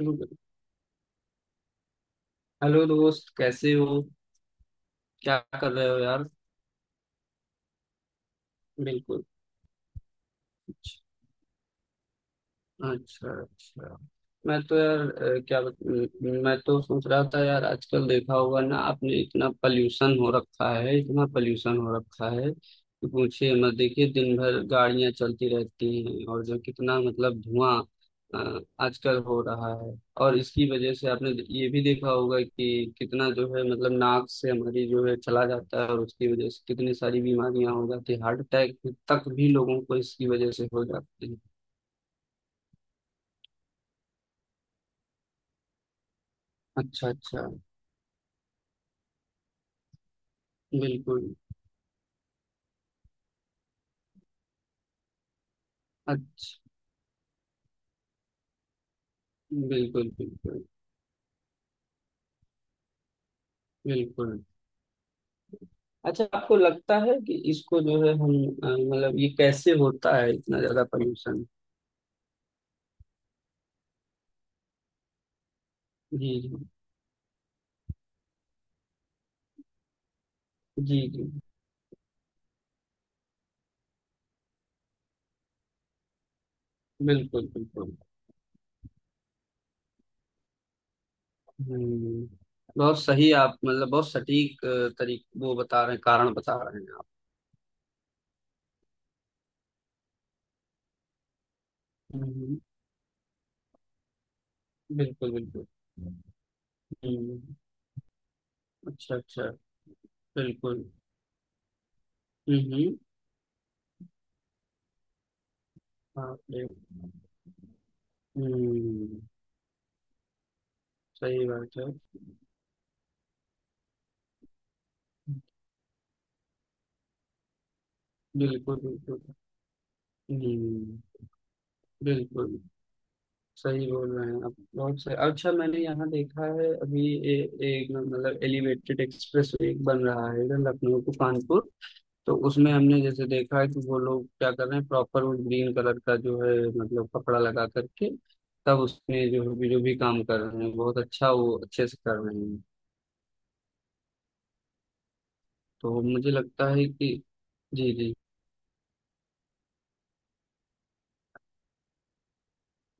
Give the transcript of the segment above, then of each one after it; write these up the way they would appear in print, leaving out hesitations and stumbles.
Hello दोस्त। कैसे हो? क्या कर रहे हो यार? बिल्कुल। अच्छा अच्छा। मैं तो यार अ, क्या बत- मैं तो सोच रहा था यार, आजकल देखा होगा ना आपने, इतना पल्यूशन हो रखा है, इतना पल्यूशन हो रखा है कि पूछिए मत। देखिए दिन भर गाड़ियां चलती रहती हैं और जो कितना मतलब धुआं अ, आजकल हो रहा है। और इसकी वजह से आपने ये भी देखा होगा कि कितना जो है मतलब नाक से हमारी जो है चला जाता है और उसकी वजह से कितनी सारी बीमारियां हो जाती है, हार्ट अटैक तक भी लोगों को इसकी वजह से हो जाती है। अच्छा अच्छा। बिल्कुल। अच्छा। बिल्कुल बिल्कुल। बिल्कुल। अच्छा, आपको लगता है कि इसको जो है हम मतलब ये कैसे होता है इतना ज्यादा पॉल्यूशन? जी जी। जी जी। बिल्कुल बिल्कुल। हम्म। बहुत सही आप मतलब बहुत सटीक तरीके वो बता रहे हैं, कारण बता रहे हैं आप। हम्म। बिल्कुल बिल्कुल। हम्म। अच्छा अच्छा। बिल्कुल। हम्म। बाप रे। हम्म। सही बात है। बिल्कुल बिल्कुल। हम्म। बिल्कुल सही बोल रहे हैं आप, बहुत सही। अच्छा, मैंने यहाँ देखा है अभी एक मतलब एलिवेटेड एक्सप्रेस एक बन रहा है इधर लखनऊ टू कानपुर। तो उसमें हमने जैसे देखा है कि वो लोग क्या कर रहे हैं, प्रॉपर वो ग्रीन कलर का जो है मतलब कपड़ा लगा करके, तब उसमें जो भी काम कर रहे हैं बहुत अच्छा, वो अच्छे से कर रहे हैं। तो मुझे लगता है कि जी जी।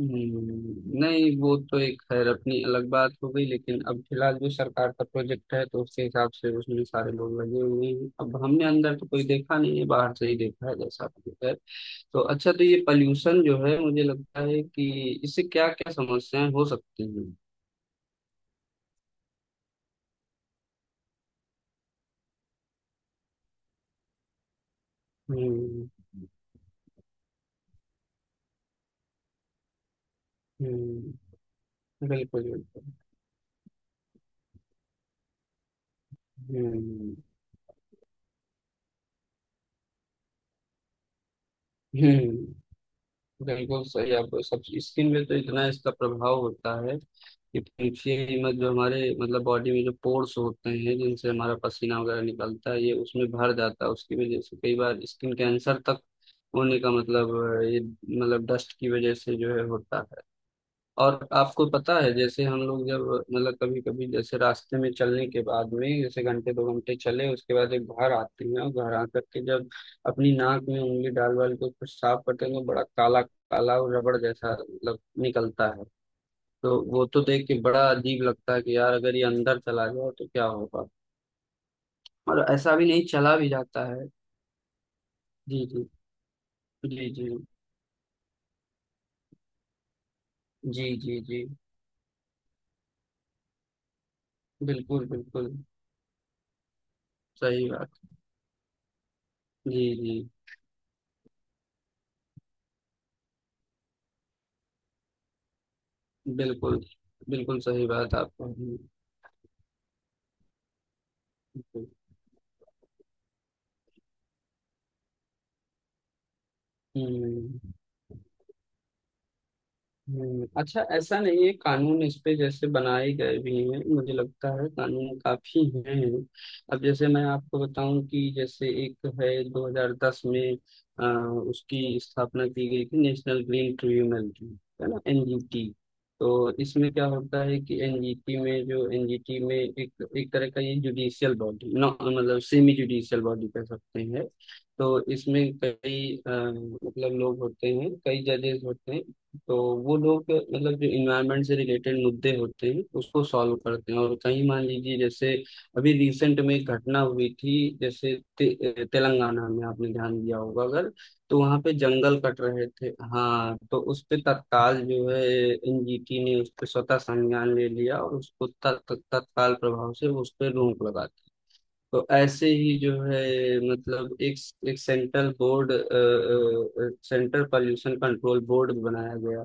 नहीं वो तो एक खैर अपनी अलग बात हो गई, लेकिन अब फिलहाल जो सरकार का प्रोजेक्ट है तो उसके हिसाब से उसमें सारे लोग लगे हुए हैं। अब हमने अंदर तो कोई देखा नहीं है, बाहर से ही देखा है जैसा आपने कहा। तो अच्छा, तो ये पॉल्यूशन जो है मुझे लगता है कि इससे क्या क्या समस्याएं हो सकती हैं? हम्म। हम्म। बिल्कुल बिल्कुल। हम्म। हम्म। बिल्कुल सही। आप सब स्किन में तो इतना इसका प्रभाव होता है कि पूछिए ही मत। जो हमारे मतलब बॉडी में जो पोर्स होते हैं जिनसे हमारा पसीना वगैरह निकलता है, ये उसमें भर जाता है, उसकी वजह से कई बार स्किन कैंसर तक होने का मतलब ये मतलब डस्ट की वजह से जो है होता है। और आपको पता है जैसे हम लोग जब मतलब कभी कभी जैसे रास्ते में चलने के बाद में, जैसे घंटे दो घंटे चले उसके बाद एक घर आते हैं और घर आकर के जब अपनी नाक में उंगली डाल वाल के कुछ साफ करते हैं तो बड़ा काला काला और रबड़ जैसा मतलब निकलता है। तो वो तो देख के बड़ा अजीब लगता है कि यार अगर ये अंदर चला जाए तो क्या होगा। और ऐसा भी नहीं, चला भी जाता है। जी जी। जी जी। जी जी जी। बिल्कुल बिल्कुल। सही बात। जी जी। बिल्कुल। बिल्कुल सही बात आपको। हम्म। अच्छा ऐसा नहीं है कानून इस पे जैसे बनाए गए भी हैं, मुझे लगता है कानून काफी हैं। अब जैसे मैं आपको बताऊं कि जैसे एक है 2010 में अ, उसकी स्थापना की गई थी नेशनल ग्रीन ट्रिब्यूनल की। है ना, एनजीटी। तो इसमें क्या होता है कि एनजीटी में एक एक तरह का ये जुडिशियल बॉडी ना, मतलब सेमी जुडिशियल बॉडी कह सकते हैं। तो इसमें कई मतलब लोग होते हैं, कई जजेस होते हैं। तो वो लोग मतलब जो इन्वायरमेंट से रिलेटेड मुद्दे होते हैं उसको सॉल्व करते हैं। और कहीं मान लीजिए, जैसे अभी रिसेंट में एक घटना हुई थी, जैसे तेलंगाना में आपने ध्यान दिया होगा अगर, तो वहाँ पे जंगल कट रहे थे। हाँ, तो उस पे तत्काल जो है एनजीटी ने उस पे स्वतः संज्ञान ले लिया और उसको तत्- तत्- तत्काल प्रभाव से उस पे रोक लगा दी। तो ऐसे ही जो है मतलब एक एक central board, central pollution control board बनाया गया।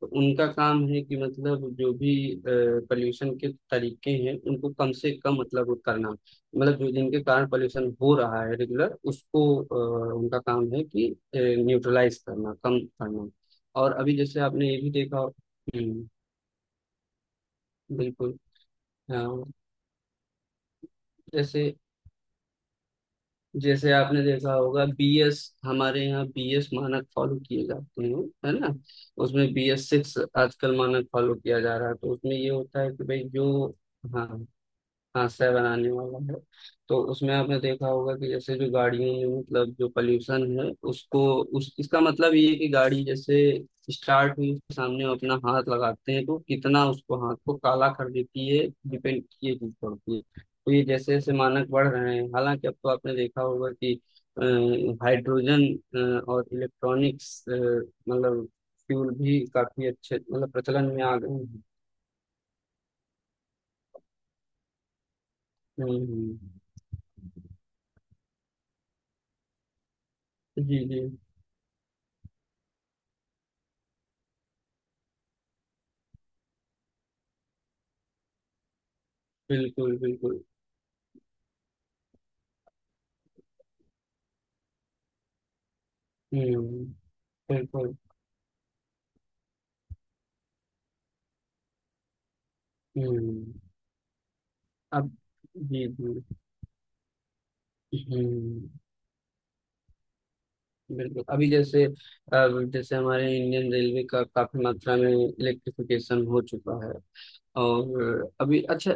तो उनका काम है कि मतलब जो भी पॉल्यूशन के तरीके हैं उनको कम से कम मतलब वो करना, मतलब जो जिनके कारण पॉल्यूशन हो रहा है रेगुलर उसको उनका काम है कि न्यूट्रलाइज करना, कम करना। और अभी जैसे आपने ये भी हम्म। बिल्कुल। हाँ। जैसे जैसे आपने देखा होगा बीएस, हमारे यहाँ बीएस मानक फॉलो किए जाते हैं है ना। उसमें बीएस सिक्स आजकल मानक फॉलो किया जा रहा है। तो उसमें ये होता है कि भाई जो हाँ हाँ सह बनाने वाला है। तो उसमें आपने देखा होगा कि जैसे जो गाड़ियों में मतलब जो पोल्यूशन है उसको उस, इसका मतलब ये है कि गाड़ी जैसे स्टार्ट हुई उसके सामने हम अपना हाथ लगाते हैं तो कितना उसको हाथ को काला कर देती है, डिपेंड ये चीज पड़ती है। तो ये जैसे जैसे मानक बढ़ रहे हैं, हालांकि अब तो आपने देखा होगा कि अ, हाइड्रोजन और इलेक्ट्रॉनिक्स मतलब फ्यूल भी काफी अच्छे मतलब प्रचलन में आ गए हैं। हम्म, हम्म। जी जी। बिल्कुल बिल्कुल। हम्म। बिल्कुल। हम्म। अब जी जी। हम्म। बिल्कुल। अभी जैसे अब जैसे हमारे इंडियन रेलवे का काफी मात्रा में इलेक्ट्रिफिकेशन हो चुका है और अभी अच्छा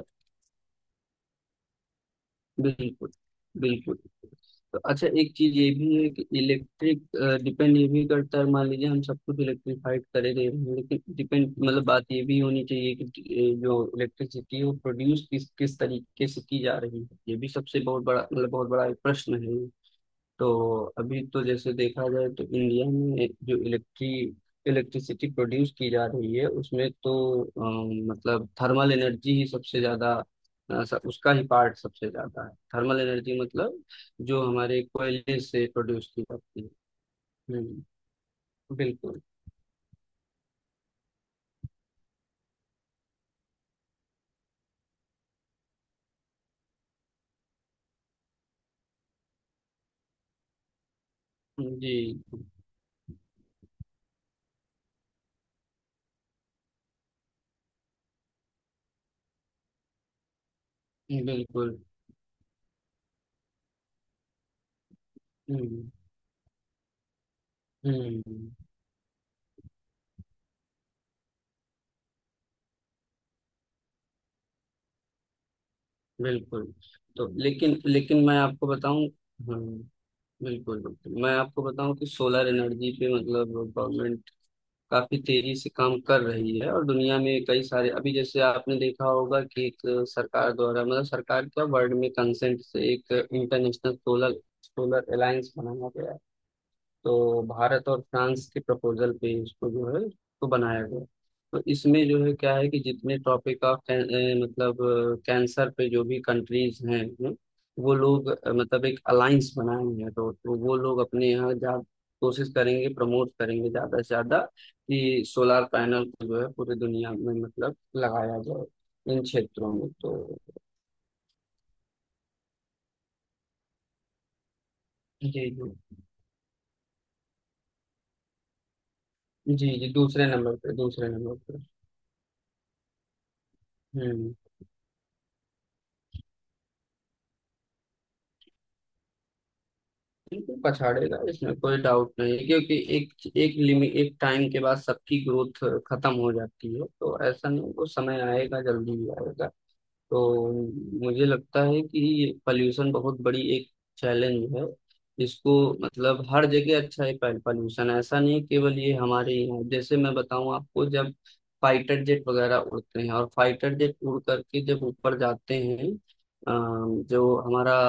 बिल्कुल बिल्कुल। तो अच्छा, एक चीज ये भी है कि इलेक्ट्रिक डिपेंड ये भी करता है। मान लीजिए हम सब कुछ इलेक्ट्रिफाइड करे दे रहे हैं, लेकिन डिपेंड मतलब बात ये भी होनी चाहिए कि जो इलेक्ट्रिसिटी है वो प्रोड्यूस किस किस तरीके से की जा रही है, ये भी सबसे बहुत बड़ा मतलब बहुत बड़ा एक प्रश्न है। तो अभी तो जैसे देखा जाए तो इंडिया में जो इलेक्ट्री इलेक्ट्रिसिटी प्रोड्यूस की जा रही है उसमें तो मतलब थर्मल एनर्जी ही सबसे ज्यादा उसका ही पार्ट सबसे ज्यादा है, थर्मल एनर्जी मतलब जो हमारे कोयले से प्रोड्यूस की जाती है। हम्म। बिल्कुल। जी। बिल्कुल। हम्म। हम्म। बिल्कुल। तो लेकिन लेकिन मैं आपको बताऊं हम्म बिल्कुल बिल्कुल मैं आपको बताऊं कि सोलर एनर्जी पे मतलब गवर्नमेंट काफी तेजी से काम कर रही है। और दुनिया में कई सारे अभी जैसे आपने देखा होगा कि एक सरकार द्वारा मतलब सरकार क्या वर्ल्ड में कंसेंट से एक इंटरनेशनल सोलर सोलर अलायंस बनाया गया है। तो भारत और फ्रांस के प्रपोजल पे इसको जो है इसको बनाया गया। तो इसमें जो है क्या है कि जितने टॉपिक ऑफ मतलब कैंसर पे जो भी कंट्रीज हैं, वो लोग मतलब एक अलायंस बनाए हैं, तो वो लोग अपने यहाँ जा कोशिश करेंगे, प्रमोट करेंगे ज्यादा से ज्यादा कि सोलार पैनल को जो है पूरी दुनिया में मतलब लगाया जाए इन क्षेत्रों में तो जी जी। जी जी। दूसरे नंबर पे, दूसरे नंबर पे। हम्म। बिल्कुल पछाड़ेगा, इसमें कोई डाउट नहीं है, क्योंकि एक एक लिमिट एक टाइम के बाद सबकी ग्रोथ खत्म हो जाती है। तो ऐसा नहीं, वो समय आएगा, जल्दी ही आएगा। तो मुझे लगता है कि ये पॉल्यूशन बहुत बड़ी एक चैलेंज है। इसको मतलब हर जगह अच्छा है पॉल्यूशन ऐसा नहीं, केवल ये हमारे यहाँ। जैसे मैं बताऊँ आपको, जब फाइटर जेट वगैरह उड़ते हैं और फाइटर जेट उड़ करके जब ऊपर जाते हैं जो हमारा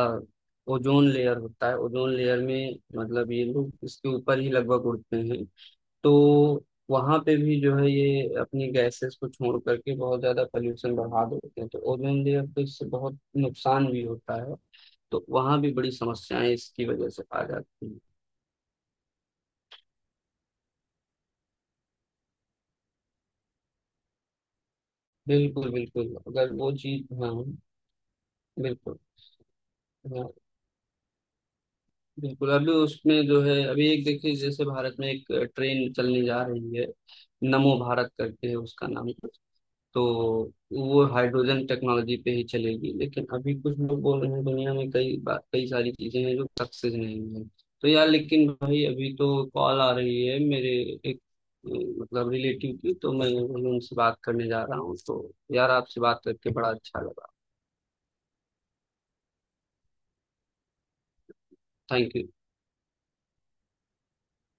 ओजोन लेयर होता है, ओजोन लेयर में मतलब ये लोग इसके ऊपर ही लगभग उड़ते हैं। तो वहां पे भी जो है ये अपनी गैसेस को छोड़ करके बहुत ज्यादा पोल्यूशन बढ़ा देते हैं, तो ओजोन लेयर पे इससे बहुत नुकसान भी होता है। तो वहां भी बड़ी समस्याएं इसकी वजह से आ जाती हैं। बिल्कुल बिल्कुल, अगर वो चीज हाँ बिल्कुल। हाँ बिल्कुल। अभी उसमें जो है अभी एक देखिए, जैसे भारत में एक ट्रेन चलने जा रही है, नमो भारत करके है उसका नाम। तो वो हाइड्रोजन टेक्नोलॉजी पे ही चलेगी, लेकिन अभी कुछ लोग बोल रहे हैं दुनिया में कई सारी चीजें हैं जो सक्सेस नहीं है। तो यार लेकिन भाई अभी तो कॉल आ रही है मेरे एक अ, मतलब रिलेटिव की, तो मैं उनसे बात करने जा रहा हूँ। तो यार आपसे बात करके बड़ा अच्छा लगा। Thank you.